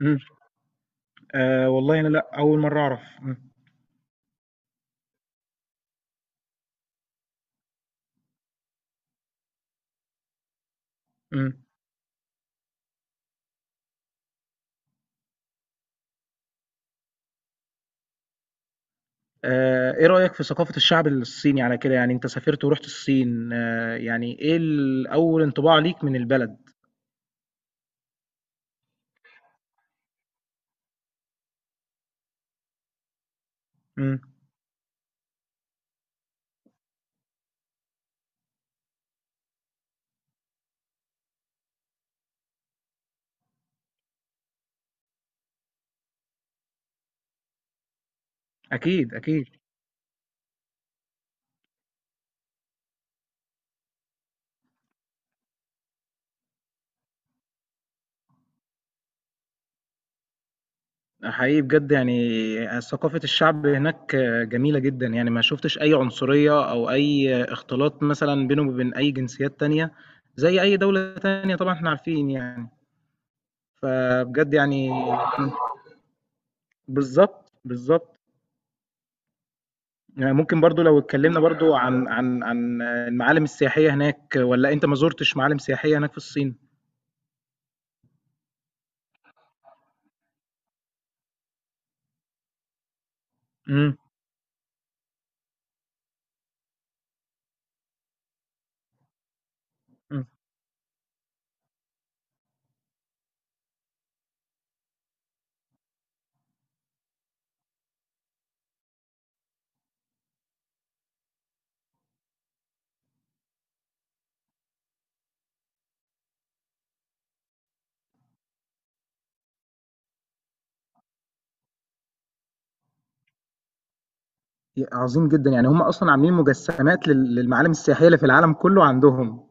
امم. والله انا لا، اول مره اعرف امم. ايه رايك في ثقافه الشعب الصيني على كده؟ يعني انت سافرت ورحت الصين، يعني ايه اول انطباع ليك من البلد؟ امم. اكيد، اكيد. حقيقي بجد، يعني ثقافه الشعب هناك جميله جدا، يعني ما شفتش اي عنصريه او اي اختلاط مثلا بينه وبين اي جنسيات تانية، زي اي دوله تانية، طبعا احنا عارفين يعني. فبجد يعني. بالظبط، بالظبط. يعني ممكن برضو لو اتكلمنا برضو عن المعالم السياحية هناك، ولا انت ما زرتش معالم سياحية هناك في الصين؟ امم. أمم. عظيم جدا، يعني هم اصلا عاملين مجسمات للمعالم السياحية اللي في العالم كله عندهم.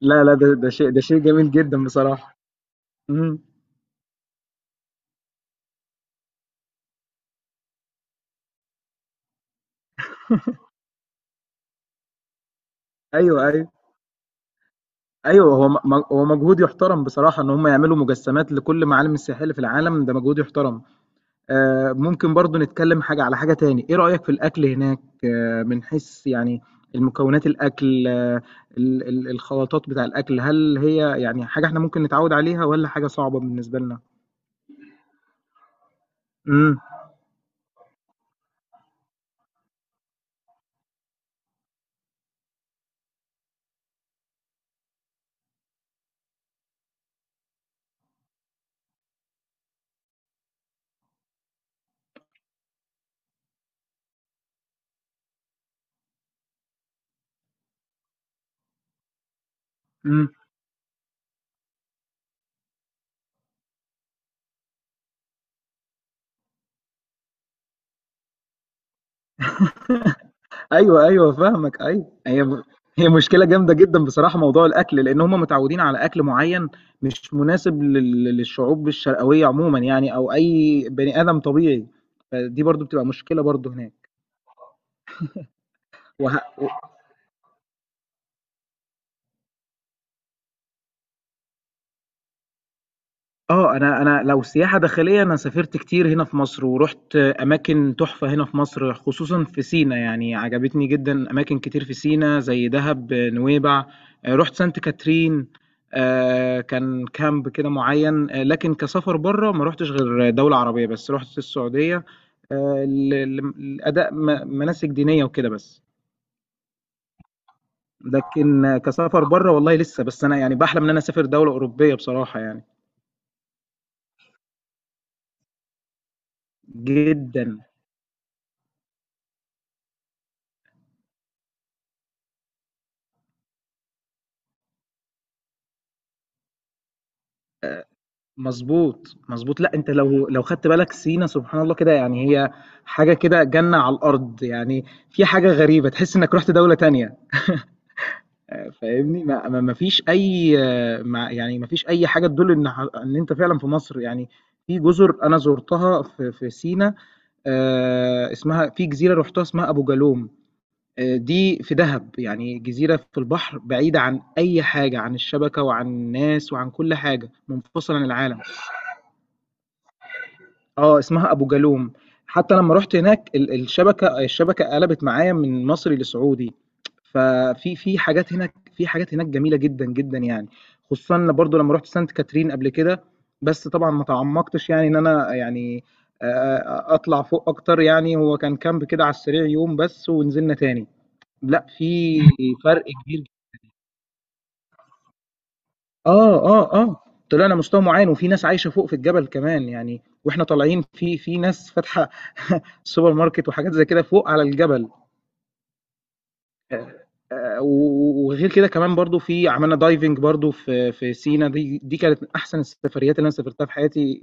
لا، لا، ده شيء، ده شيء جميل جدا بصراحة. امم. ايوه، ايوه. ايوه، هو مجهود يحترم بصراحة، ان هم يعملوا مجسمات لكل معالم السياحية اللي في العالم، ده مجهود يحترم. ممكن برضو نتكلم حاجة على حاجة تاني، ايه رأيك في الأكل هناك؟ من حيث يعني المكونات، الأكل، الخلطات بتاع الأكل، هل هي يعني حاجة احنا ممكن نتعود عليها، ولا حاجة صعبة بالنسبة لنا؟ امم. امم. ايوه، ايوه، فاهمك، ايوه، هي هي مشكلة جامدة جدا بصراحة موضوع الأكل، لأن هم متعودين على أكل معين، مش مناسب للشعوب الشرقوية عموما، يعني أو أي بني آدم طبيعي. فدي برضو بتبقى مشكلة برضو هناك. وه... أنا لو سياحة داخلية، أنا سافرت كتير هنا في مصر، ورُحت أماكن تحفة هنا في مصر، خصوصًا في سينا، يعني عجبتني جدًا أماكن كتير في سينا زي دهب، نويبع، رُحت سانت كاترين، كان كامب كده معيّن، لكن كسفر برّه ما رُحتش غير دولة عربية بس، رُحت السعودية، ل لم لأداء مناسك دينية وكده بس. لكن كسفر برّه والله لسه، بس أنا يعني باحلم إن أنا أسافر دولة أوروبية بصراحة يعني، جدًا. مضبوط، مضبوط. لأ، أنت لو خدت بالك سينا، سبحان الله كده، يعني هي حاجة كده جنة على الأرض، يعني في حاجة غريبة تحس إنك رُحت دولة تانية. فاهمني؟ ما فيش أي، آه، ما يعني ما فيش أي حاجة تدل إن أنت فعلًا في مصر، يعني في جزر أنا زُرتها في سينا، اسمها، في جزيرة رُحتها اسمها أبو جالوم، دي في دهب، يعني جزيرة في البحر بعيدة عن أي حاجة، عن الشبكة وعن الناس وعن كل حاجة، منفصلة عن العالم. اسمها أبو جالوم. حتى لمّا رُحت هناك ال الشبكة الشبكة قلبت معايا من مصري لسعودي، ففي حاجات هناك، في حاجات هناك جميلة جدًا، جدًا يعني، خصوصًا برضه لمّا رُحت سانت كاترين قبل كده، بس طبعًا ما تعمقتش يعني إن أنا يعني أطلع فوق أكتر، يعني هو كان كامب كده على السريع يوم بس ونزلنا تاني، لأ في فرق كبير. آه، آه، آه، طلعنا مستوى معيّن، وفي ناس عايشة فوق في الجبل كمان يعني، وإحنا طالعين في ناس فاتحة سوبر ماركت وحاجات زي كده فوق على الجبل. وغير كده كمان برضو، في عملنا دايفنج برضو في سينا، دي كانت من احسن السفريات اللي انا سافرتها في حياتي،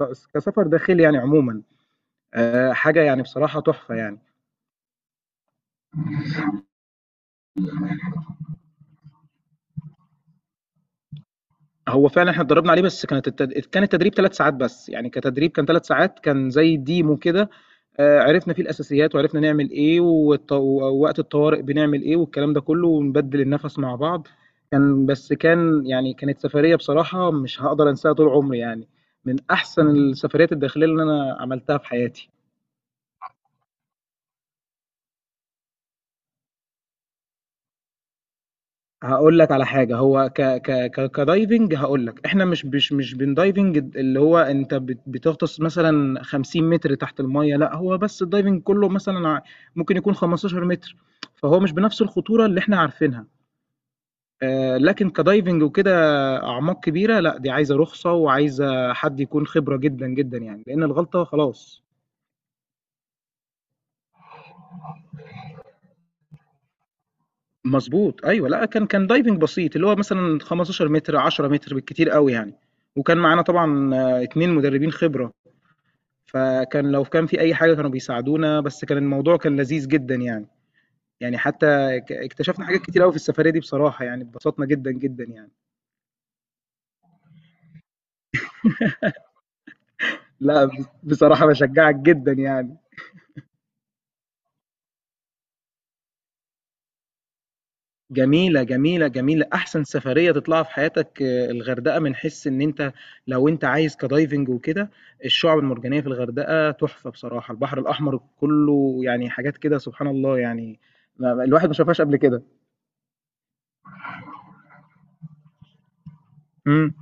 كسفر داخلي يعني عموما، حاجه يعني بصراحه تحفه يعني. هو فعلًا إحنا اتدرّبنا عليه، بس كان التدريب 3 ساعات بس، يعني كتدريب كان 3 ساعات، كان زي demo كده، عرفنا فيه الأساسيات وعرفنا نعمل إيه، ووقت الطوارئ بنعمل إيه، والكلام ده كُلّه، ونبدِّل النَفَس مع بعض، كان بس كان يعني كانت سفرية بصراحة مش هاقدر أنساها طول عمري يعني، من أحسن السفريات الداخلية اللي أنا عملتها في حياتي. هاقول لك على حاجة، هو ك ك ك كدايفنج، هاقول لك احنا مش بندايفنج اللي هو انت بتغطس مثلا 50 متر تحت المية، لا هو بس الدايفنج كله ممكن يكون 15 متر، فهو مش بنفس الخطورة اللي احنا عارفينها. لكن كدايفنج وكده اعماق كبيرة، لا دي عايزة رخصة وعايزة حد يكون خبرة جدا جدا، يعني لان الغلطة خلاص. مظبوط، ايوه، لا كان دايفنج بسيط اللي هو مثلا 15 متر، 10 متر بالكتير قوي يعني، وكان معانا طبعا اتنين مدربين خبرة، فكان لو كان في أي حاجة كانوا بيساعدونا، بس كان الموضوع كان لذيذ جدًا يعني، يعني حتى اكتشفنا حاجات كتير أوي في السفرية دي بصراحة يعني، اتبسطنا جدًا، جدًا يعني. لأ، بصراحة باشجعك جدًا يعني. جميلة، جميلة، جميلة، أحسن سفرية تطلعها في حياتك الغردقة، من حيث إن أنت لو أنت عايز كدايفنج وكده، الشعب المرجانية في الغردقة تحفة بصراحة، البحر الأحمر كله يعني حاجات كده سبحان الله يعني ما الواحد ما شافهاش قبل كده. إمم.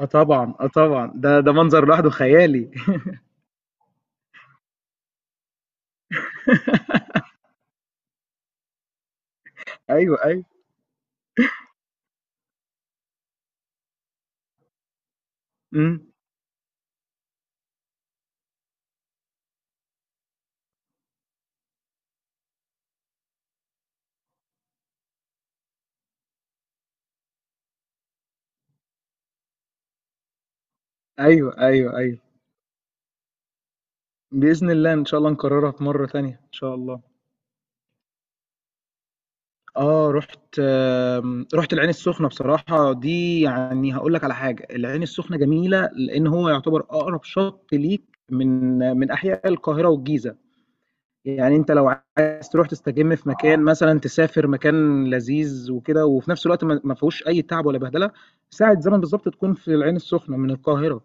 آه طبعًا، آه طبعًا، ده منظر لوحده خيالي. أيوه، أيوه، إمم، أيوه، أيوه، أيوه، بإذن الله، إن شاء الله نكررها في مرة تانية، إن شاء الله. رُحت رُحت العين السخنة، بصراحة دي يعني هاقول لك على حاجة، العين السخنة جميلة لإن هو يعتبر أقرب شط ليك من أحياء القاهرة والجيزة، يعني أنت لو عايز تروح تستجم في مكان مثلًا، تسافر مكان لذيذ وكده، وفي نفس الوقت ما فيهوش أي تعب ولا بهدلة، ساعة زمن بالضبط تكون في العين السخنة من القاهرة،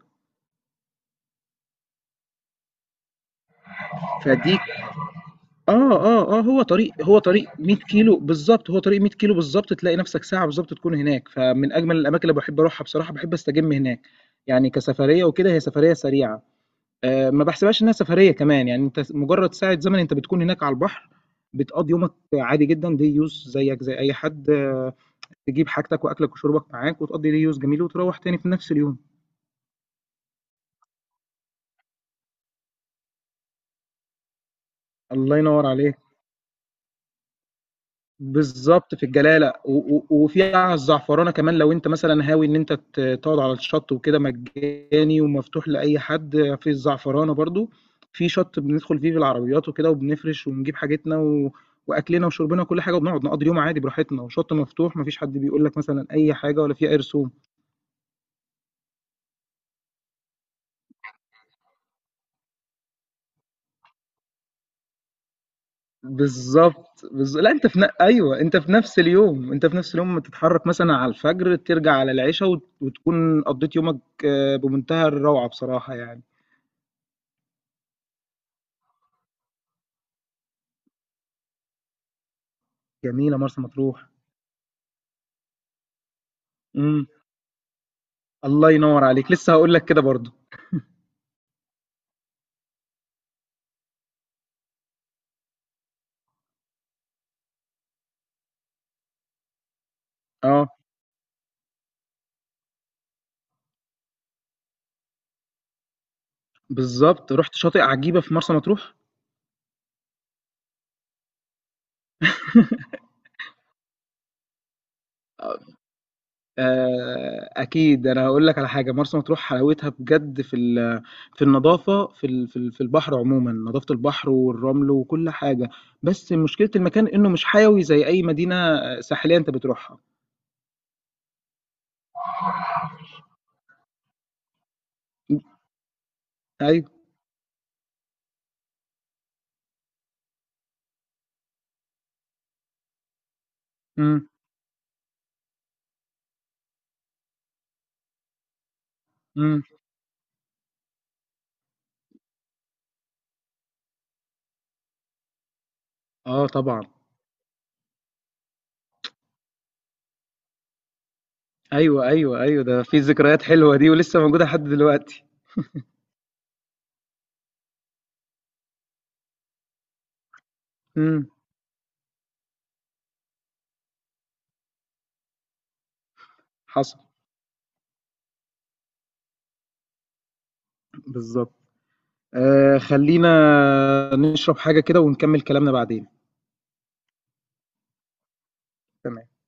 فدي هو طريق 100 كيلو بالضبط، هو طريق 100 كيلو بالضبط، تلاقي نفْسك ساعة بالضبط تكون هناك، فمن أجمل الأماكن اللي باحب أروحها بصراحة، باحب أستجم هناك، يعني كسفرية وكده هي سفرية سريعة، ما باحسبهاش إنها سفرية كمان، يعني أنت مجرد ساعة زمن أنت بتكون هناك على البحر، بتقضّي يومك عادي جدًا day use زيك زي أي حد، تجيب حاجتك وأكلك وشربك معاك، وتقضّي day use جميل وتروّح تاني في نفْس اليوم. الله ينوّر عليك. بالضبط، في الجلالة و و وفي على الزعفرانة كمان، لو أنت مثلًا هاوي إن أنت تقعد على الشط وكده مجاني ومفتوح لأي حد، في الزعفرانة برضه، في شط بندخل فيه بالعربيات وكده، وبنفرش ونجيب حاجتنا و وأكلنا وشربنا وكل حاجة، وبنقعد نقضي اليوم عادي براحتنا، وشط مفتوح ما فيش حد بيقول لك مثلًا أي حاجة ولا في أي رسوم. بالضبط، لأ أنت في ن أيوه، أنت في نفس اليوم، أنت في نفس اليوم تتحرك مثلًا على الفجر، ترجع على العشا وتكون قضيت يومك بمنتهى الروعة بصراحة يعني. جميلة مرسى مطروح. إمم. الله ينوّر عليك، لسه هاقول لك كده برضه. آه، بالضبط. رُحت شاطئ عجيبة في مرسى مطروح؟ آه، أكيد. أنا هاقول لك على حاجة، مرسى مطروح حلاوتها بجد في النضافة، في البحر عمومًا، نضافة البحر والرمل وكل حاجة، بس مشكلة المكان إنه مش حيوي زي أي مدينة ساحلية أنت بتروحها. إمم، أيوه. إمم، إمم. آه طبعًا. أيوه، أيوه، أيوه، ده في ذكريات حلوة دي، ولسه موجودة لحد دلوقتي. إمم، حصل، بالضبط. خلينا نشرب حاجة كده ونكمل كلامنا بعدين. تمام.